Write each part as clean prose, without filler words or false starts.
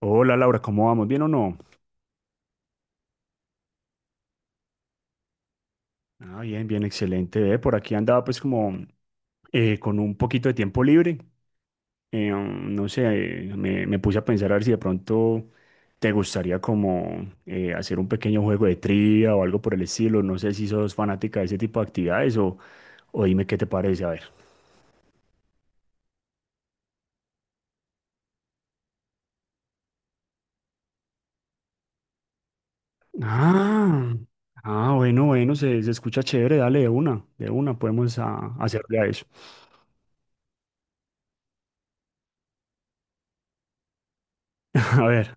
Hola Laura, ¿cómo vamos? ¿Bien o no? Ah, bien, bien, excelente. Ve, por aquí andaba pues como con un poquito de tiempo libre. No sé, me puse a pensar a ver si de pronto te gustaría como hacer un pequeño juego de trivia o algo por el estilo. No sé si sos fanática de ese tipo de actividades o dime qué te parece, a ver. Ah, ah, bueno, bueno, se escucha chévere, dale de una, podemos hacerle a eso. A ver,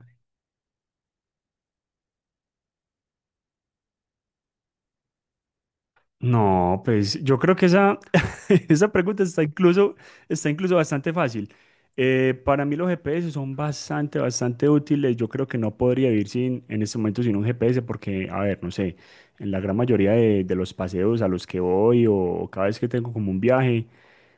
no, pues yo creo que esa pregunta está incluso bastante fácil. Para mí los GPS son bastante, bastante útiles. Yo creo que no podría vivir sin, en este momento sin un GPS porque, a ver, no sé, en la gran mayoría de los paseos a los que voy o cada vez que tengo como un viaje,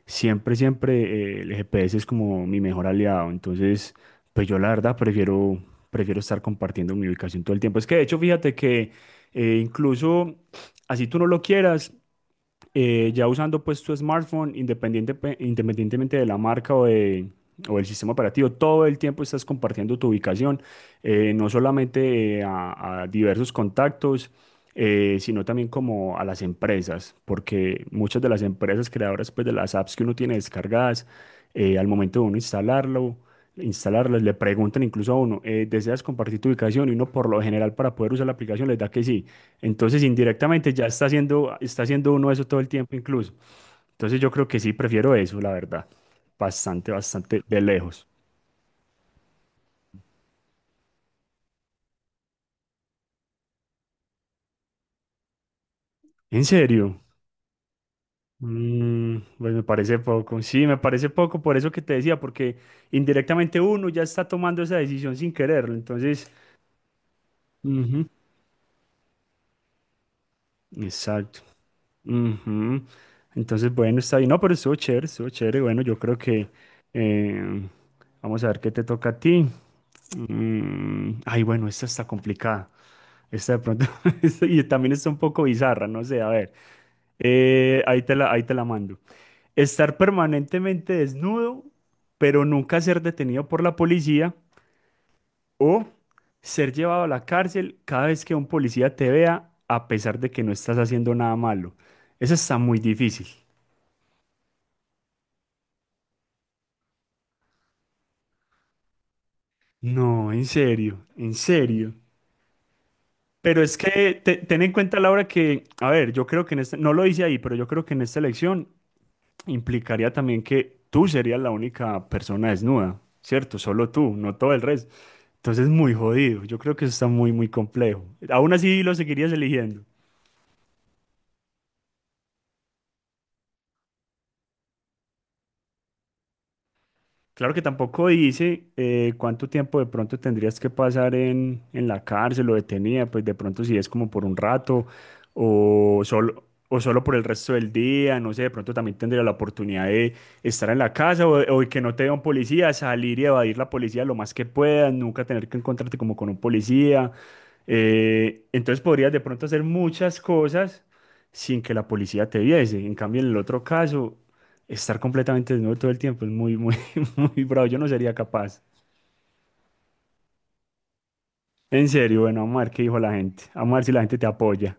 siempre, siempre el GPS es como mi mejor aliado. Entonces, pues yo la verdad prefiero estar compartiendo mi ubicación todo el tiempo. Es que de hecho, fíjate que incluso así tú no lo quieras ya usando pues tu smartphone, independientemente de la marca o el sistema operativo, todo el tiempo estás compartiendo tu ubicación, no solamente a diversos contactos, sino también como a las empresas, porque muchas de las empresas creadoras pues de las apps que uno tiene descargadas, al momento de uno instalarlas, le preguntan incluso a uno, ¿deseas compartir tu ubicación? Y uno por lo general para poder usar la aplicación les da que sí. Entonces, indirectamente ya está está haciendo uno eso todo el tiempo incluso. Entonces, yo creo que sí prefiero eso, la verdad. Bastante, bastante de lejos. ¿En serio? Mm, pues me parece poco. Sí, me parece poco por eso que te decía, porque indirectamente uno ya está tomando esa decisión sin quererlo. Entonces, ujú, exacto. Ujú. Entonces, bueno, está bien. No, pero estuvo chévere, estuvo chévere. Bueno, yo creo que eh, vamos a ver qué te toca a ti. Mm, ay, bueno, esta está complicada. Esta de pronto, y también está un poco bizarra, no sé, a ver, ahí te la mando. Estar permanentemente desnudo, pero nunca ser detenido por la policía o ser llevado a la cárcel cada vez que un policía te vea, a pesar de que no estás haciendo nada malo. Eso está muy difícil. No, en serio, en serio. Pero es que ten en cuenta, Laura, que, a ver, yo creo que en esta, no lo hice ahí, pero yo creo que en esta elección implicaría también que tú serías la única persona desnuda, ¿cierto? Solo tú, no todo el resto. Entonces, muy jodido. Yo creo que eso está muy, muy complejo. Aún así lo seguirías eligiendo. Claro que tampoco dice cuánto tiempo de pronto tendrías que pasar en la cárcel o detenida, pues de pronto si es como por un rato o solo por el resto del día, no sé, de pronto también tendría la oportunidad de estar en la casa o que no te vea un policía, salir y evadir la policía lo más que puedas, nunca tener que encontrarte como con un policía. Entonces podrías de pronto hacer muchas cosas sin que la policía te viese. En cambio, en el otro caso, estar completamente desnudo todo el tiempo es muy, muy... Muy bravo, yo no sería capaz. En serio, bueno, vamos a ver qué dijo la gente. Vamos a ver si la gente te apoya.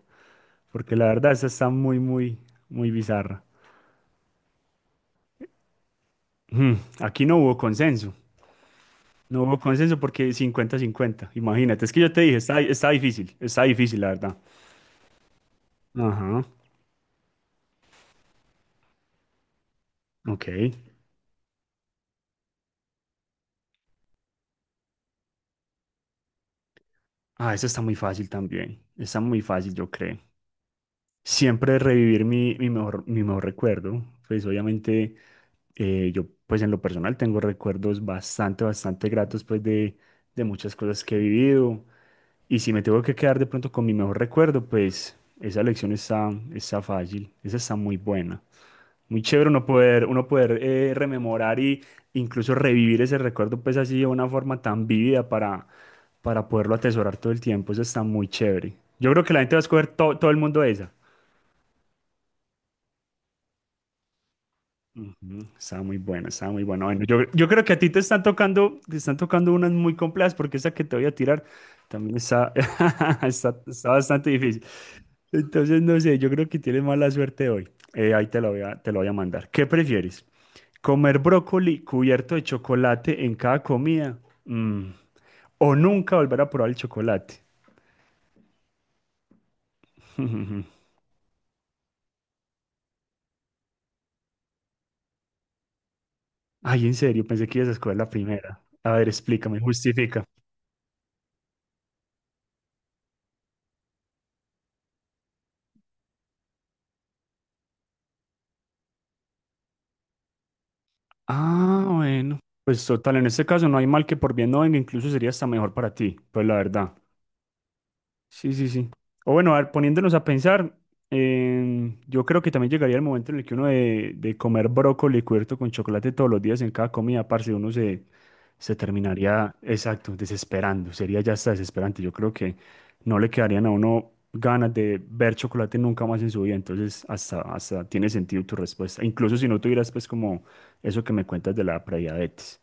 Porque la verdad, esa está muy, muy, muy bizarra. Mm, aquí no hubo consenso. No hubo consenso porque cincuenta-cincuenta. Imagínate, es que yo te dije, está, está difícil. Está difícil, la verdad. Ajá, ok. Ah, eso está muy fácil también. Está muy fácil, yo creo. Siempre revivir mi mejor recuerdo. Pues obviamente yo pues en lo personal tengo recuerdos bastante, bastante gratos pues de muchas cosas que he vivido. Y si me tengo que quedar de pronto con mi mejor recuerdo, pues esa elección está, está fácil, esa está muy buena. Muy chévere uno uno poder rememorar y incluso revivir ese recuerdo pues así de una forma tan vívida para poderlo atesorar todo el tiempo. Eso está muy chévere. Yo creo que la gente va a escoger todo el mundo esa. Ujú, estaba muy bueno, estaba muy bueno. Bueno, yo creo que a ti te están te están tocando unas muy complejas porque esa que te voy a tirar también está, está, está bastante difícil. Entonces, no sé, yo creo que tienes mala suerte hoy. Ahí te lo voy a, te lo voy a mandar. ¿Qué prefieres? ¿Comer brócoli cubierto de chocolate en cada comida? Mm. ¿O nunca volver a probar el chocolate? Ay, en serio, pensé que ibas a escoger la primera. A ver, explícame, justifica. Ah, bueno. Pues total, en este caso no hay mal que por bien no venga, incluso sería hasta mejor para ti, pues la verdad. Sí, sí, sí. O bueno, a ver, poniéndonos a pensar, yo creo que también llegaría el momento en el que uno de comer brócoli cubierto con chocolate todos los días en cada comida, parce, se terminaría, exacto, desesperando, sería ya hasta desesperante. Yo creo que no le quedarían a uno ganas de ver chocolate nunca más en su vida, entonces hasta, hasta tiene sentido tu respuesta, incluso si no tuvieras pues como eso que me cuentas de la prediabetes.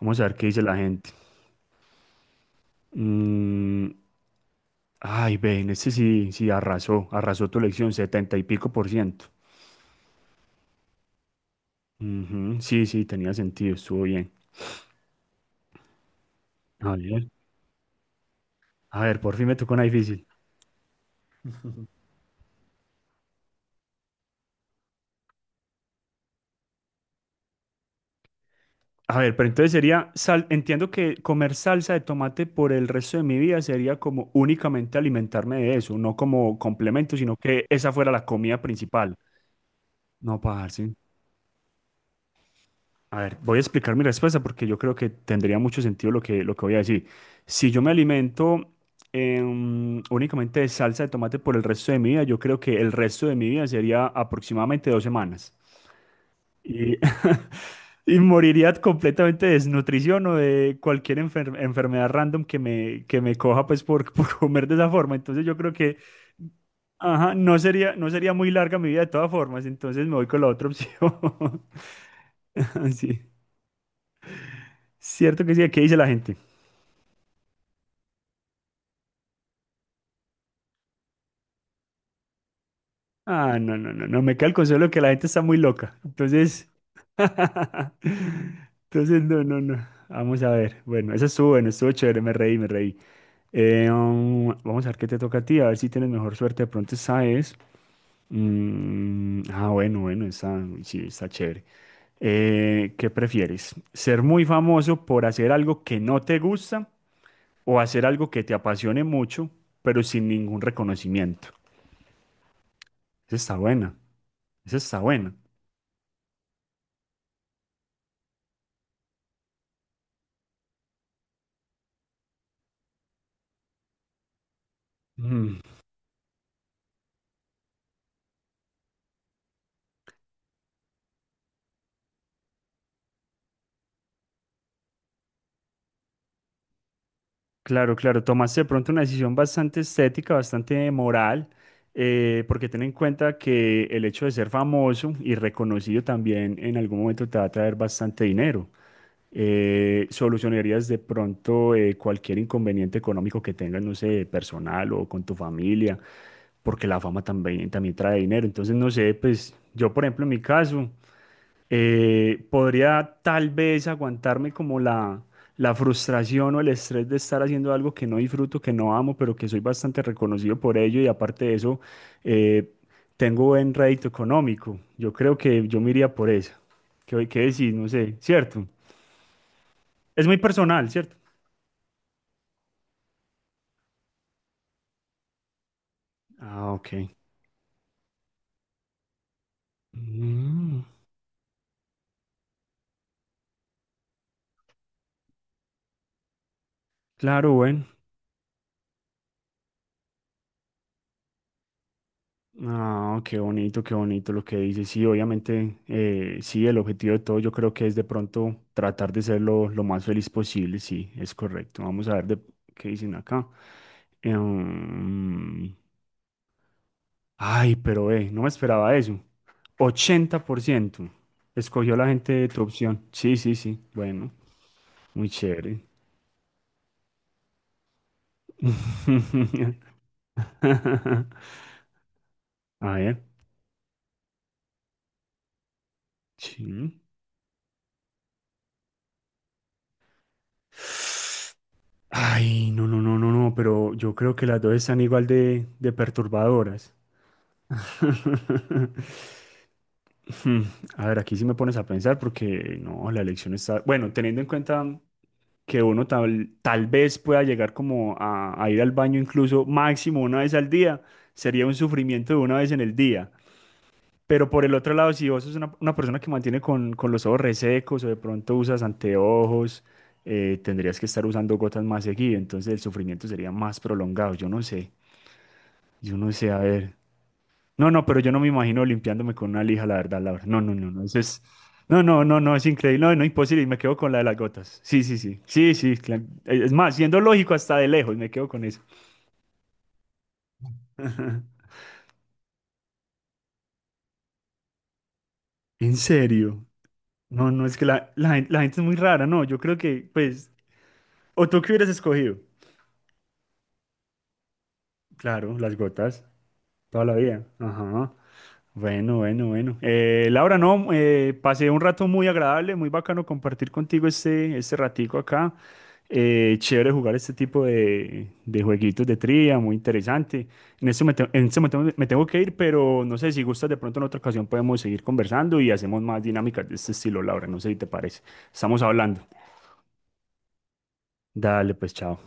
Vamos a ver qué dice la gente. Mm, ay, ven, este sí, sí arrasó, arrasó tu elección, 70 y pico por ciento. Ujú, sí, sí, tenía sentido, estuvo bien. A ver, a ver, por fin me tocó una difícil. A ver, pero entonces sería, sal, entiendo que comer salsa de tomate por el resto de mi vida sería como únicamente alimentarme de eso, no como complemento, sino que esa fuera la comida principal. No, parce. A ver, voy a explicar mi respuesta porque yo creo que tendría mucho sentido lo que voy a decir. Si yo me alimento únicamente de salsa de tomate por el resto de mi vida, yo creo que el resto de mi vida sería aproximadamente dos semanas. Y, y moriría completamente de desnutrición o de cualquier enfermedad random que me coja pues por, por comer de esa forma. Entonces yo creo que ajá, no sería muy larga mi vida de todas formas, entonces me voy con la otra opción. Sí. Cierto que sí, ¿qué dice la gente? Ah, no, no, no, no, me cae el consuelo de que la gente está muy loca. Entonces, entonces, no, no, no. Vamos a ver. Bueno, eso estuvo bueno, estuvo chévere, me reí, me reí. Vamos a ver qué te toca a ti, a ver si tienes mejor suerte. De pronto, ¿sabes? Mm, ah, bueno, bueno, está, uy, sí, está chévere. ¿Qué prefieres? ¿Ser muy famoso por hacer algo que no te gusta o hacer algo que te apasione mucho, pero sin ningún reconocimiento? Esa está buena. Eso está bueno. Mm. Claro, claro, tomaste de pronto una decisión bastante estética, bastante moral, porque ten en cuenta que el hecho de ser famoso y reconocido también en algún momento te va a traer bastante dinero. Solucionarías de pronto cualquier inconveniente económico que tengas, no sé, personal o con tu familia, porque la fama también, también trae dinero. Entonces, no sé, pues yo, por ejemplo, en mi caso. Podría tal vez aguantarme como la frustración o el estrés de estar haciendo algo que no disfruto, que no amo, pero que soy bastante reconocido por ello y aparte de eso, eh, tengo buen rédito económico. Yo creo que yo me iría por eso. Qué decís? No sé, ¿cierto? Es muy personal, ¿cierto? Ah, ok. Mm, claro, bueno. Ah, qué bonito lo que dices. Sí, obviamente, sí, el objetivo de todo yo creo que es de pronto tratar de ser lo más feliz posible. Sí, es correcto. Vamos a ver qué dicen acá. Em, Ay, pero no me esperaba eso. Ochenta por ciento escogió la gente de tu opción. Sí, sí, sí. Bueno, muy chévere. A ver, sí. Ay, no, no, no, no, no, pero yo creo que las dos están igual de perturbadoras. Hmm, a ver, aquí sí me pones a pensar porque no, la elección está... Bueno, teniendo en cuenta que uno tal vez pueda llegar como a ir al baño incluso máximo una vez al día, sería un sufrimiento de una vez en el día. Pero por el otro lado, si vos sos una persona que mantiene con los ojos resecos o de pronto usas anteojos, tendrías que estar usando gotas más seguido, entonces el sufrimiento sería más prolongado. Yo no sé, a ver. No, no, pero yo no me imagino limpiándome con una lija, la verdad, Laura. No, no, no, no, eso es. No, no, no, no, es increíble, no, no, imposible, y me quedo con la de las gotas. Sí, sí, sí, sí, sí, es más, siendo lógico hasta de lejos, me quedo con eso. ¿En serio? No, no, es que la gente es muy rara, no, yo creo que, pues, ¿o tú qué hubieras escogido? Claro, las gotas, toda la vida. Ajá. Bueno, bueno, bueno. Laura, no, pasé un rato muy agradable, muy bacano compartir contigo este ratico acá. Chévere jugar este tipo de jueguitos de trivia, muy interesante. En este momento me tengo que ir, pero no sé si gustas, de pronto en otra ocasión podemos seguir conversando y hacemos más dinámicas de este estilo, Laura. No sé si te parece. Estamos hablando. Dale, pues, chao.